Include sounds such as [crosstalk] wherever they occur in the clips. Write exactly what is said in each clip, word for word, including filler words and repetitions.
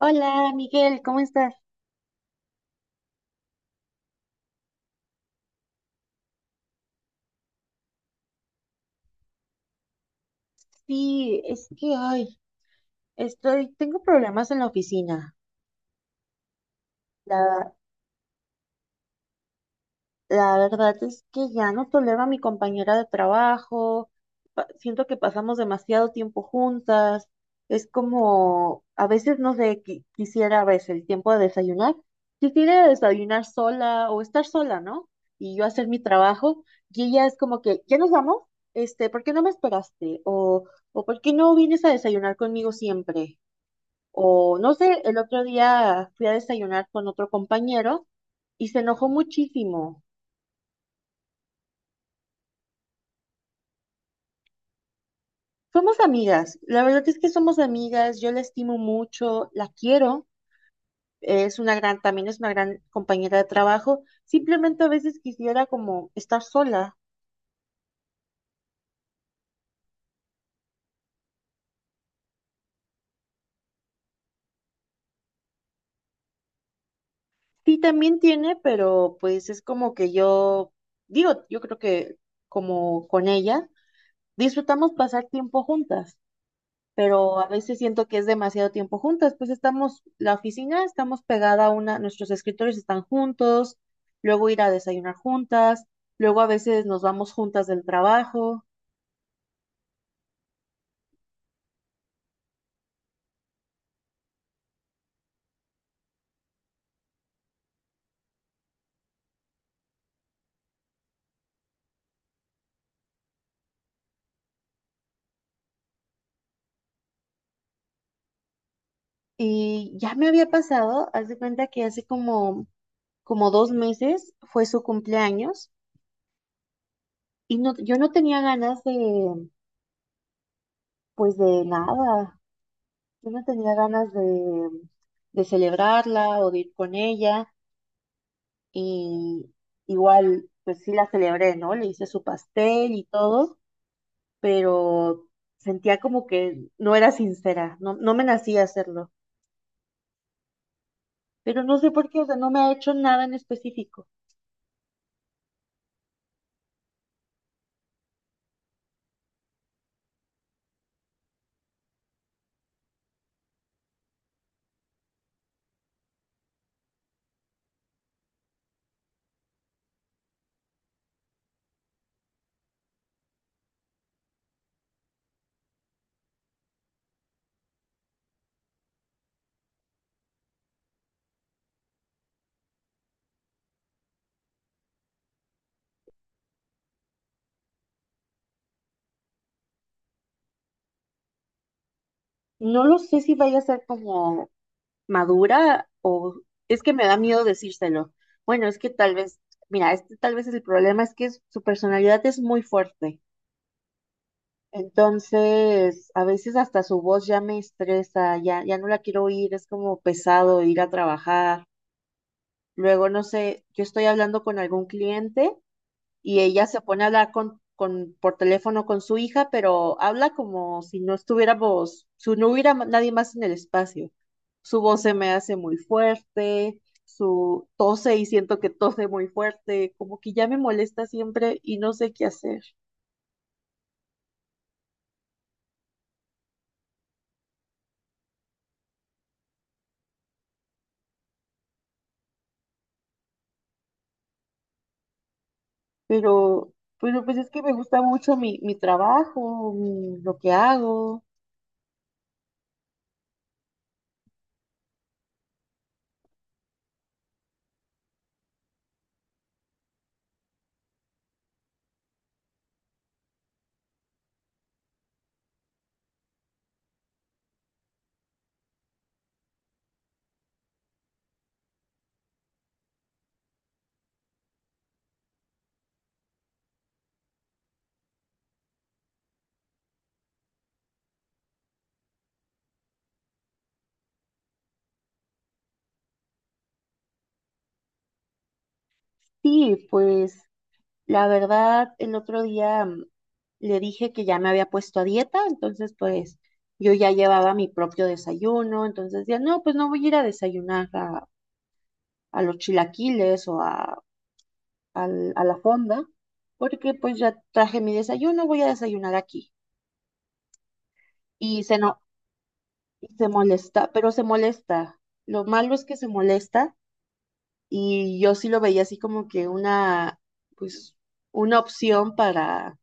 Hola, Miguel, ¿cómo estás? Sí, es que ay, estoy, tengo problemas en la oficina. La, la verdad es que ya no tolero a mi compañera de trabajo. Pa- siento que pasamos demasiado tiempo juntas. Es como, a veces no sé, qui- quisiera a veces el tiempo de desayunar. Quisiera desayunar sola o estar sola, ¿no? Y yo hacer mi trabajo. Y ella es como que, ¿ya nos vamos? Este, ¿por qué no me esperaste? O, o ¿por qué no vienes a desayunar conmigo siempre? O no sé, el otro día fui a desayunar con otro compañero y se enojó muchísimo. Somos amigas, la verdad es que somos amigas, yo la estimo mucho, la quiero, es una gran, también es una gran compañera de trabajo, simplemente a veces quisiera como estar sola. Sí, también tiene, pero pues es como que yo, digo, yo creo que como con ella, disfrutamos pasar tiempo juntas. Pero a veces siento que es demasiado tiempo juntas, pues estamos, la oficina, estamos pegada a una, nuestros escritorios están juntos, luego ir a desayunar juntas, luego a veces nos vamos juntas del trabajo y ya me había pasado, haz de cuenta que hace como, como dos meses fue su cumpleaños y no, yo no tenía ganas de, pues de nada, yo no tenía ganas de, de celebrarla o de ir con ella. Y igual, pues sí la celebré, ¿no? Le hice su pastel y todo, pero sentía como que no era sincera, no, no me nacía hacerlo, pero no sé por qué, o sea, no me ha hecho nada en específico. No lo sé si vaya a ser como madura o es que me da miedo decírselo. Bueno, es que tal vez, mira, este tal vez es el problema, es que es- su personalidad es muy fuerte. Entonces, a veces hasta su voz ya me estresa, ya, ya no la quiero oír, es como pesado ir a trabajar. Luego, no sé, yo estoy hablando con algún cliente y ella se pone a hablar con, con, por teléfono con su hija, pero habla como si no estuviéramos, si no hubiera ma- nadie más en el espacio. Su voz se me hace muy fuerte, su tose y siento que tose muy fuerte, como que ya me molesta siempre y no sé qué hacer. pero, pero pues es que me gusta mucho mi, mi trabajo, mi- lo que hago. Sí, pues la verdad, el otro día mm, le dije que ya me había puesto a dieta, entonces pues yo ya llevaba mi propio desayuno, entonces decía, no, pues no voy a ir a desayunar a, a los chilaquiles o a, al- a la fonda, porque pues ya traje mi desayuno, voy a desayunar aquí. Y se no, y se molesta, pero se molesta. Lo malo es que se molesta y yo sí lo veía así como que una, pues, una opción para,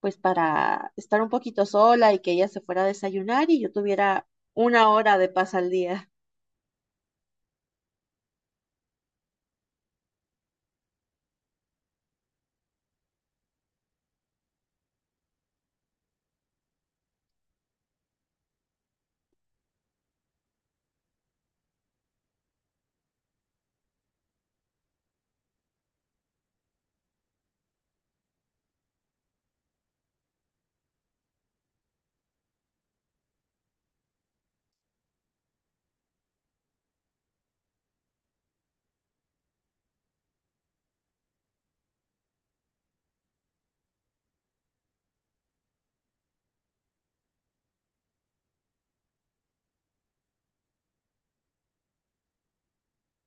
pues, para estar un poquito sola y que ella se fuera a desayunar y yo tuviera una hora de paz al día.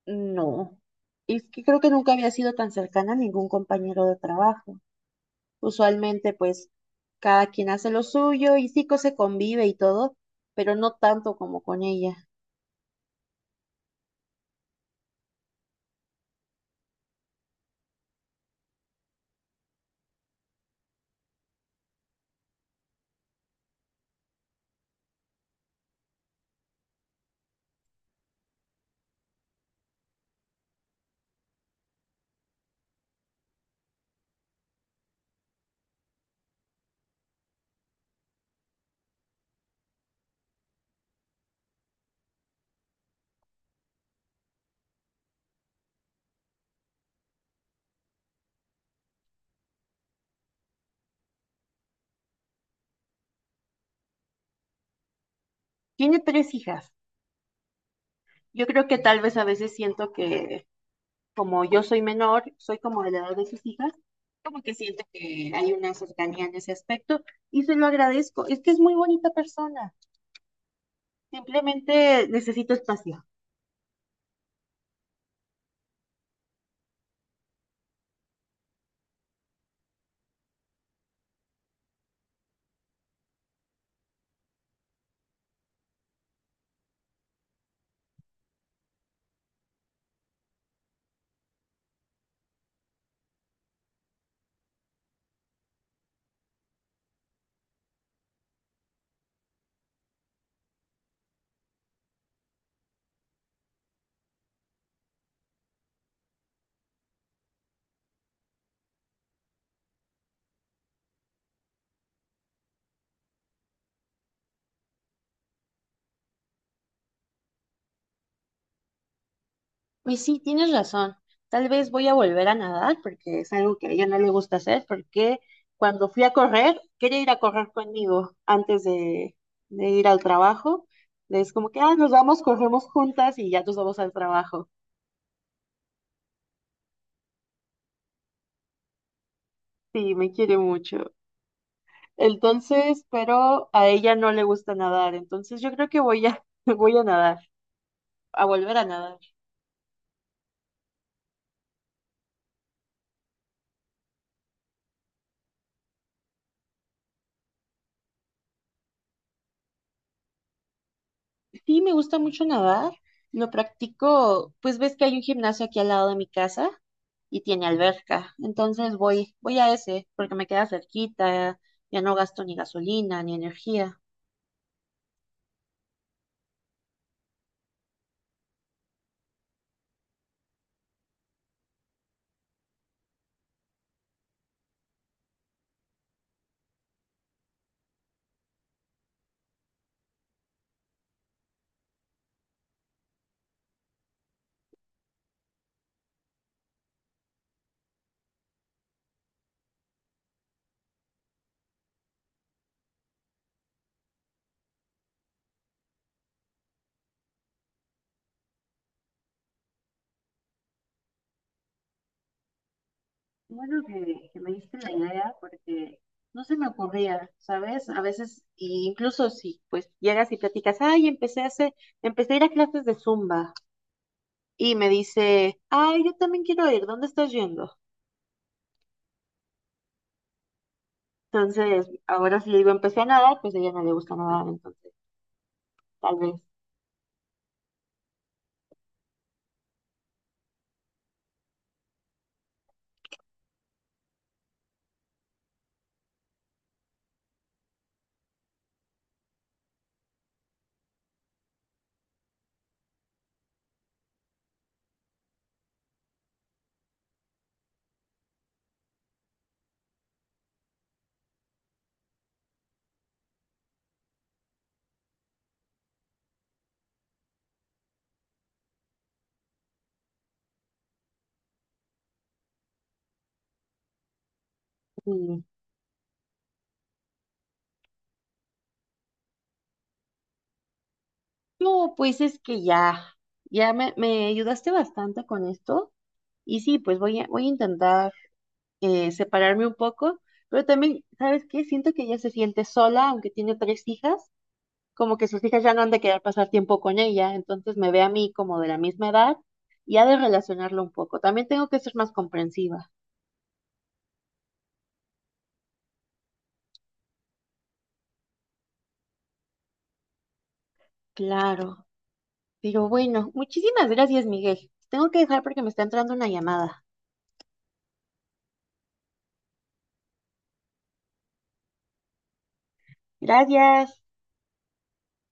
No, y es que creo que nunca había sido tan cercana a ningún compañero de trabajo. Usualmente, pues, cada quien hace lo suyo y sí que se convive y todo, pero no tanto como con ella. Tiene tres hijas. Yo creo que tal vez a veces siento que como yo soy menor, soy como de la edad de sus hijas, como que siento que hay una cercanía en ese aspecto y se lo agradezco. Es que es muy bonita persona, simplemente necesito espacio. Y sí, tienes razón. Tal vez voy a volver a nadar porque es algo que a ella no le gusta hacer porque cuando fui a correr, quería ir a correr conmigo antes de, de ir al trabajo. Es como que, ah, nos vamos, corremos juntas y ya nos vamos al trabajo. Sí, me quiere mucho. Entonces, pero a ella no le gusta nadar, entonces yo creo que voy a, [laughs] voy a nadar. A volver a nadar. Sí, me gusta mucho nadar. Lo practico, pues ves que hay un gimnasio aquí al lado de mi casa y tiene alberca. Entonces voy, voy a ese porque me queda cerquita, ya no gasto ni gasolina ni energía. Bueno, que, que me diste la idea porque no se me ocurría, ¿sabes? A veces, y incluso si pues llegas y platicas, ay, empecé a hacer, empecé a ir a clases de Zumba y me dice, ay, yo también quiero ir, ¿dónde estás yendo? Entonces, ahora si le digo empecé a nadar, pues a ella no le gusta nadar, entonces tal vez. mm, No, pues es que ya, ya me, me ayudaste bastante con esto. Y sí, pues voy a, voy a intentar eh, separarme un poco, pero también, ¿sabes qué? Siento que ella se siente sola, aunque tiene tres hijas, como que sus hijas ya no han de querer pasar tiempo con ella, entonces me ve a mí como de la misma edad y ha de relacionarlo un poco. También tengo que ser más comprensiva. Claro. Pero bueno, muchísimas gracias, Miguel. Tengo que dejar porque me está entrando una llamada. Gracias.